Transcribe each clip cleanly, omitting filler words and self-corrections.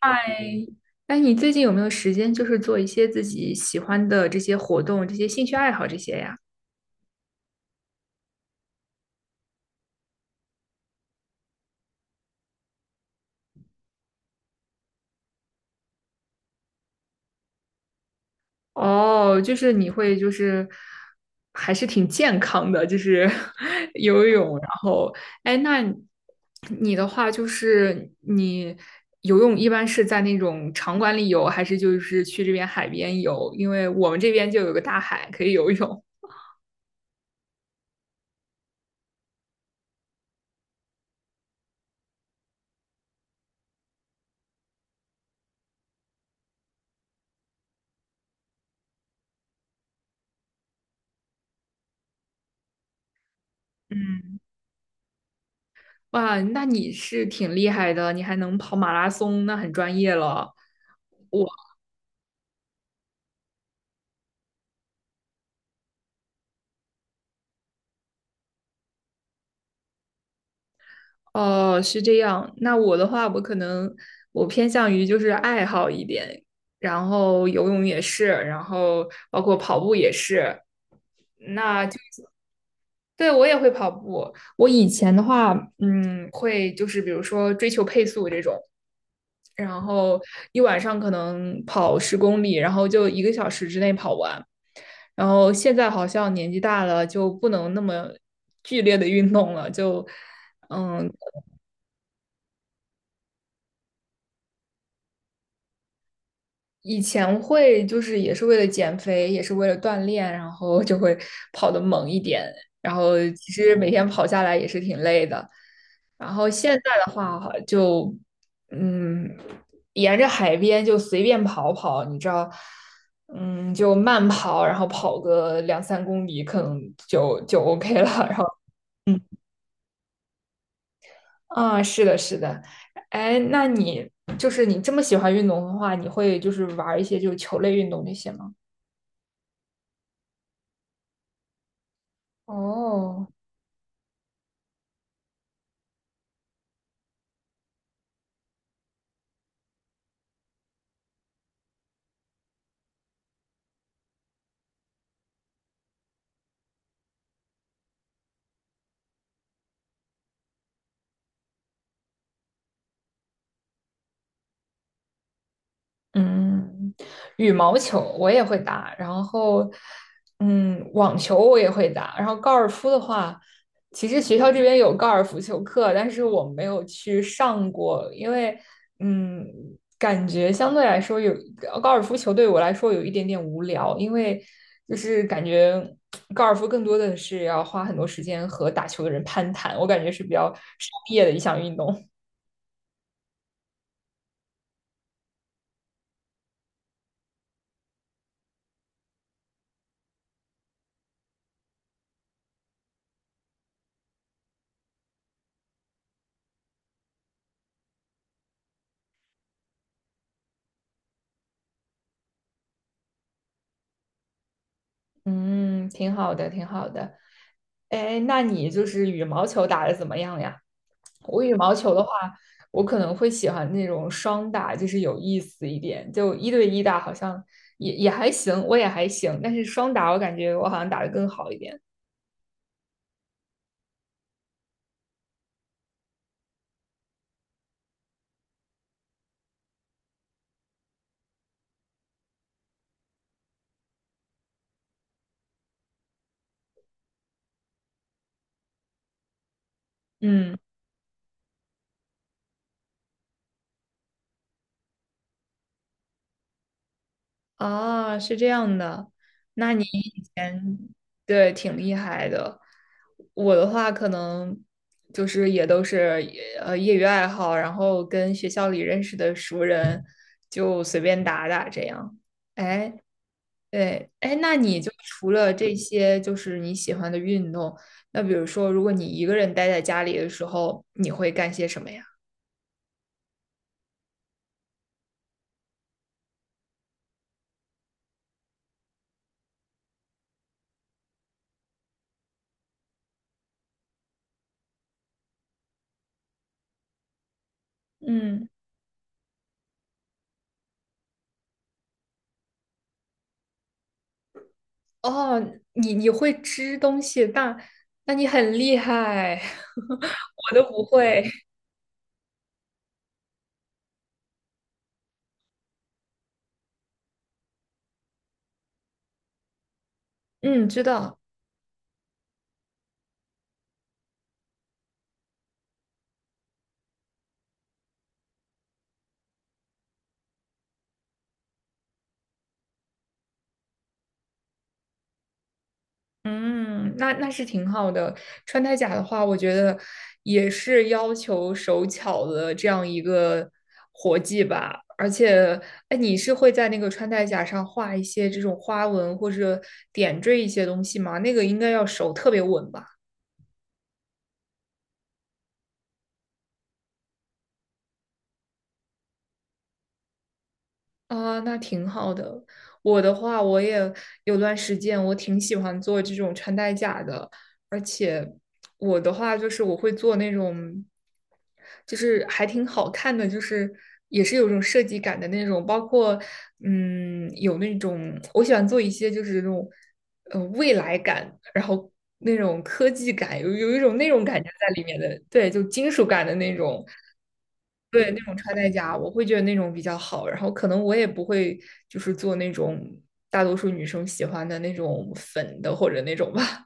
嗨，哎，你最近有没有时间，就是做一些自己喜欢的这些活动、这些兴趣爱好这些呀？哦，就是你会就是还是挺健康的，就是 游泳，然后哎，那你的话就是你游泳一般是在那种场馆里游，还是就是去这边海边游？因为我们这边就有个大海可以游泳。嗯，哇，那你是挺厉害的，你还能跑马拉松，那很专业了。哦，是这样。那我的话，我可能我偏向于就是爱好一点，然后游泳也是，然后包括跑步也是。那就。对，我也会跑步。我以前的话，嗯，会就是比如说追求配速这种，然后一晚上可能跑10公里，然后就1个小时之内跑完。然后现在好像年纪大了，就不能那么剧烈的运动了，嗯，以前会就是也是为了减肥，也是为了锻炼，然后就会跑得猛一点，然后其实每天跑下来也是挺累的。然后现在的话就，嗯，沿着海边就随便跑跑，你知道，嗯，就慢跑，然后跑个两三公里，可能就 OK 了。然后，嗯。啊，是的，是的，哎，那你就是你这么喜欢运动的话，你会就是玩一些就是球类运动那些吗？哦，嗯，羽毛球我也会打，然后，嗯，网球我也会打，然后高尔夫的话，其实学校这边有高尔夫球课，但是我没有去上过，因为，嗯，感觉相对来说高尔夫球对我来说有一点点无聊，因为就是感觉高尔夫更多的是要花很多时间和打球的人攀谈，我感觉是比较商业的一项运动。嗯，挺好的，挺好的。哎，那你就是羽毛球打得怎么样呀？我羽毛球的话，我可能会喜欢那种双打，就是有意思一点。就一对一打好像也还行，我也还行，但是双打我感觉我好像打得更好一点。嗯。啊，是这样的，那你以前对挺厉害的。我的话可能就是也都是业余爱好，然后跟学校里认识的熟人就随便打打这样。哎，对，哎，那你就除了这些就是你喜欢的运动，那比如说如果你一个人待在家里的时候，你会干些什么呀？嗯。哦，你会织东西，那你很厉害，我都不会。嗯，知道。嗯，那那是挺好的。穿戴甲的话，我觉得也是要求手巧的这样一个活计吧。而且，哎，你是会在那个穿戴甲上画一些这种花纹或者点缀一些东西吗？那个应该要手特别稳吧。啊，那挺好的。我的话，我也有段时间我挺喜欢做这种穿戴甲的，而且我的话就是我会做那种，就是还挺好看的，就是也是有种设计感的那种，包括嗯，有那种我喜欢做一些就是那种未来感，然后那种科技感，有一种那种感觉在里面的，对，就金属感的那种。对，那种穿戴甲，我会觉得那种比较好。然后可能我也不会就是做那种大多数女生喜欢的那种粉的或者那种吧。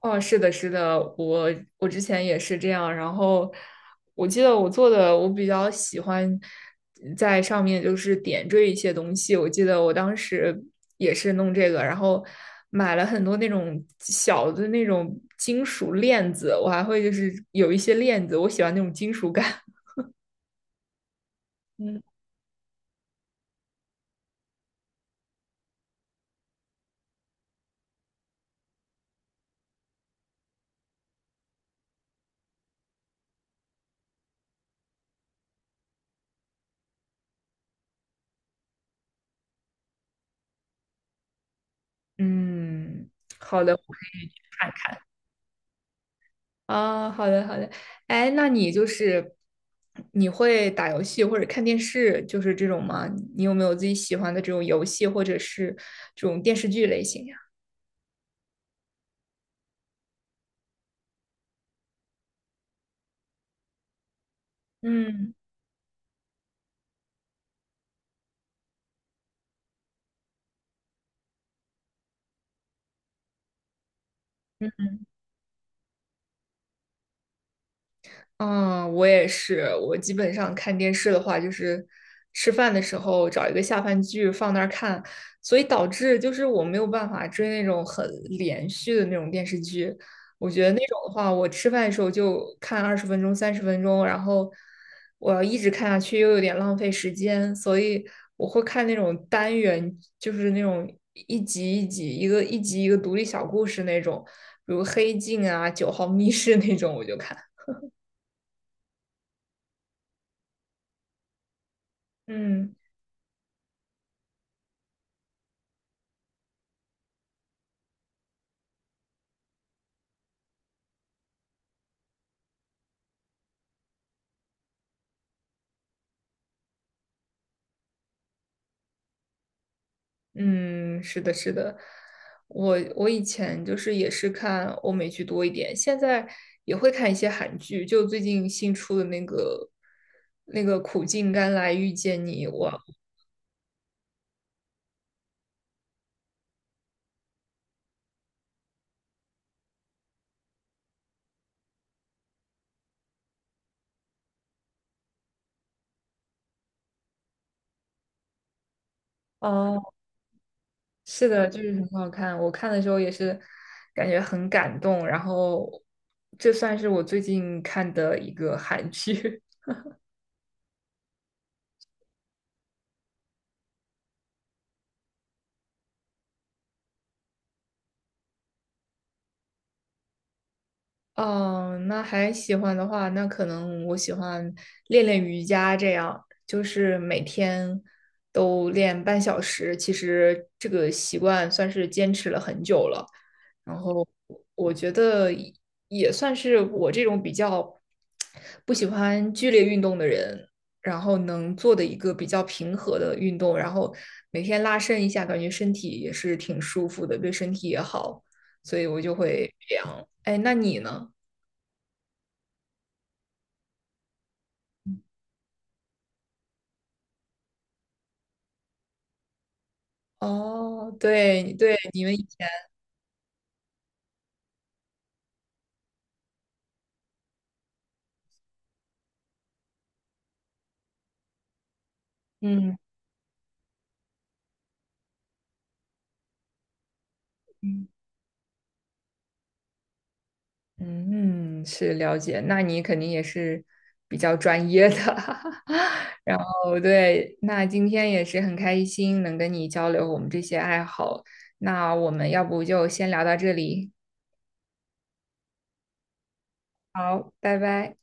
哦，是的，是的，我之前也是这样。然后我记得我做的，我比较喜欢在上面就是点缀一些东西。我记得我当时也是弄这个，然后买了很多那种小的那种金属链子，我还会就是有一些链子，我喜欢那种金属感。嗯。嗯，好的，我看看啊，好的，好的。哎，那你就是你会打游戏或者看电视，就是这种吗？你有没有自己喜欢的这种游戏或者是这种电视剧类型呀？嗯嗯，我也是。我基本上看电视的话，就是吃饭的时候找一个下饭剧放那儿看，所以导致就是我没有办法追那种很连续的那种电视剧。我觉得那种的话，我吃饭的时候就看20分钟、30分钟，然后我要一直看下去又有点浪费时间，所以我会看那种单元，就是那种一集一集、一个一集一个独立小故事那种，比如《黑镜》啊、《九号密室》那种，我就看。嗯。嗯，是的，是的，我以前就是也是看欧美剧多一点，现在也会看一些韩剧，就最近新出的那个《苦尽甘来遇见你》，我哦，是的，就是很好看。我看的时候也是感觉很感动，然后这算是我最近看的一个韩剧。哦，那还喜欢的话，那可能我喜欢练练瑜伽，这样就是每天都练半小时。其实这个习惯算是坚持了很久了，然后我觉得也算是我这种比较不喜欢剧烈运动的人，然后能做的一个比较平和的运动，然后每天拉伸一下，感觉身体也是挺舒服的，对身体也好，所以我就会这样。哎，那你呢？哦，对对，你们以前，嗯嗯，嗯，嗯，是了解，那你肯定也是比较专业的。然后对，那今天也是很开心能跟你交流我们这些爱好。那我们要不就先聊到这里，好，拜拜。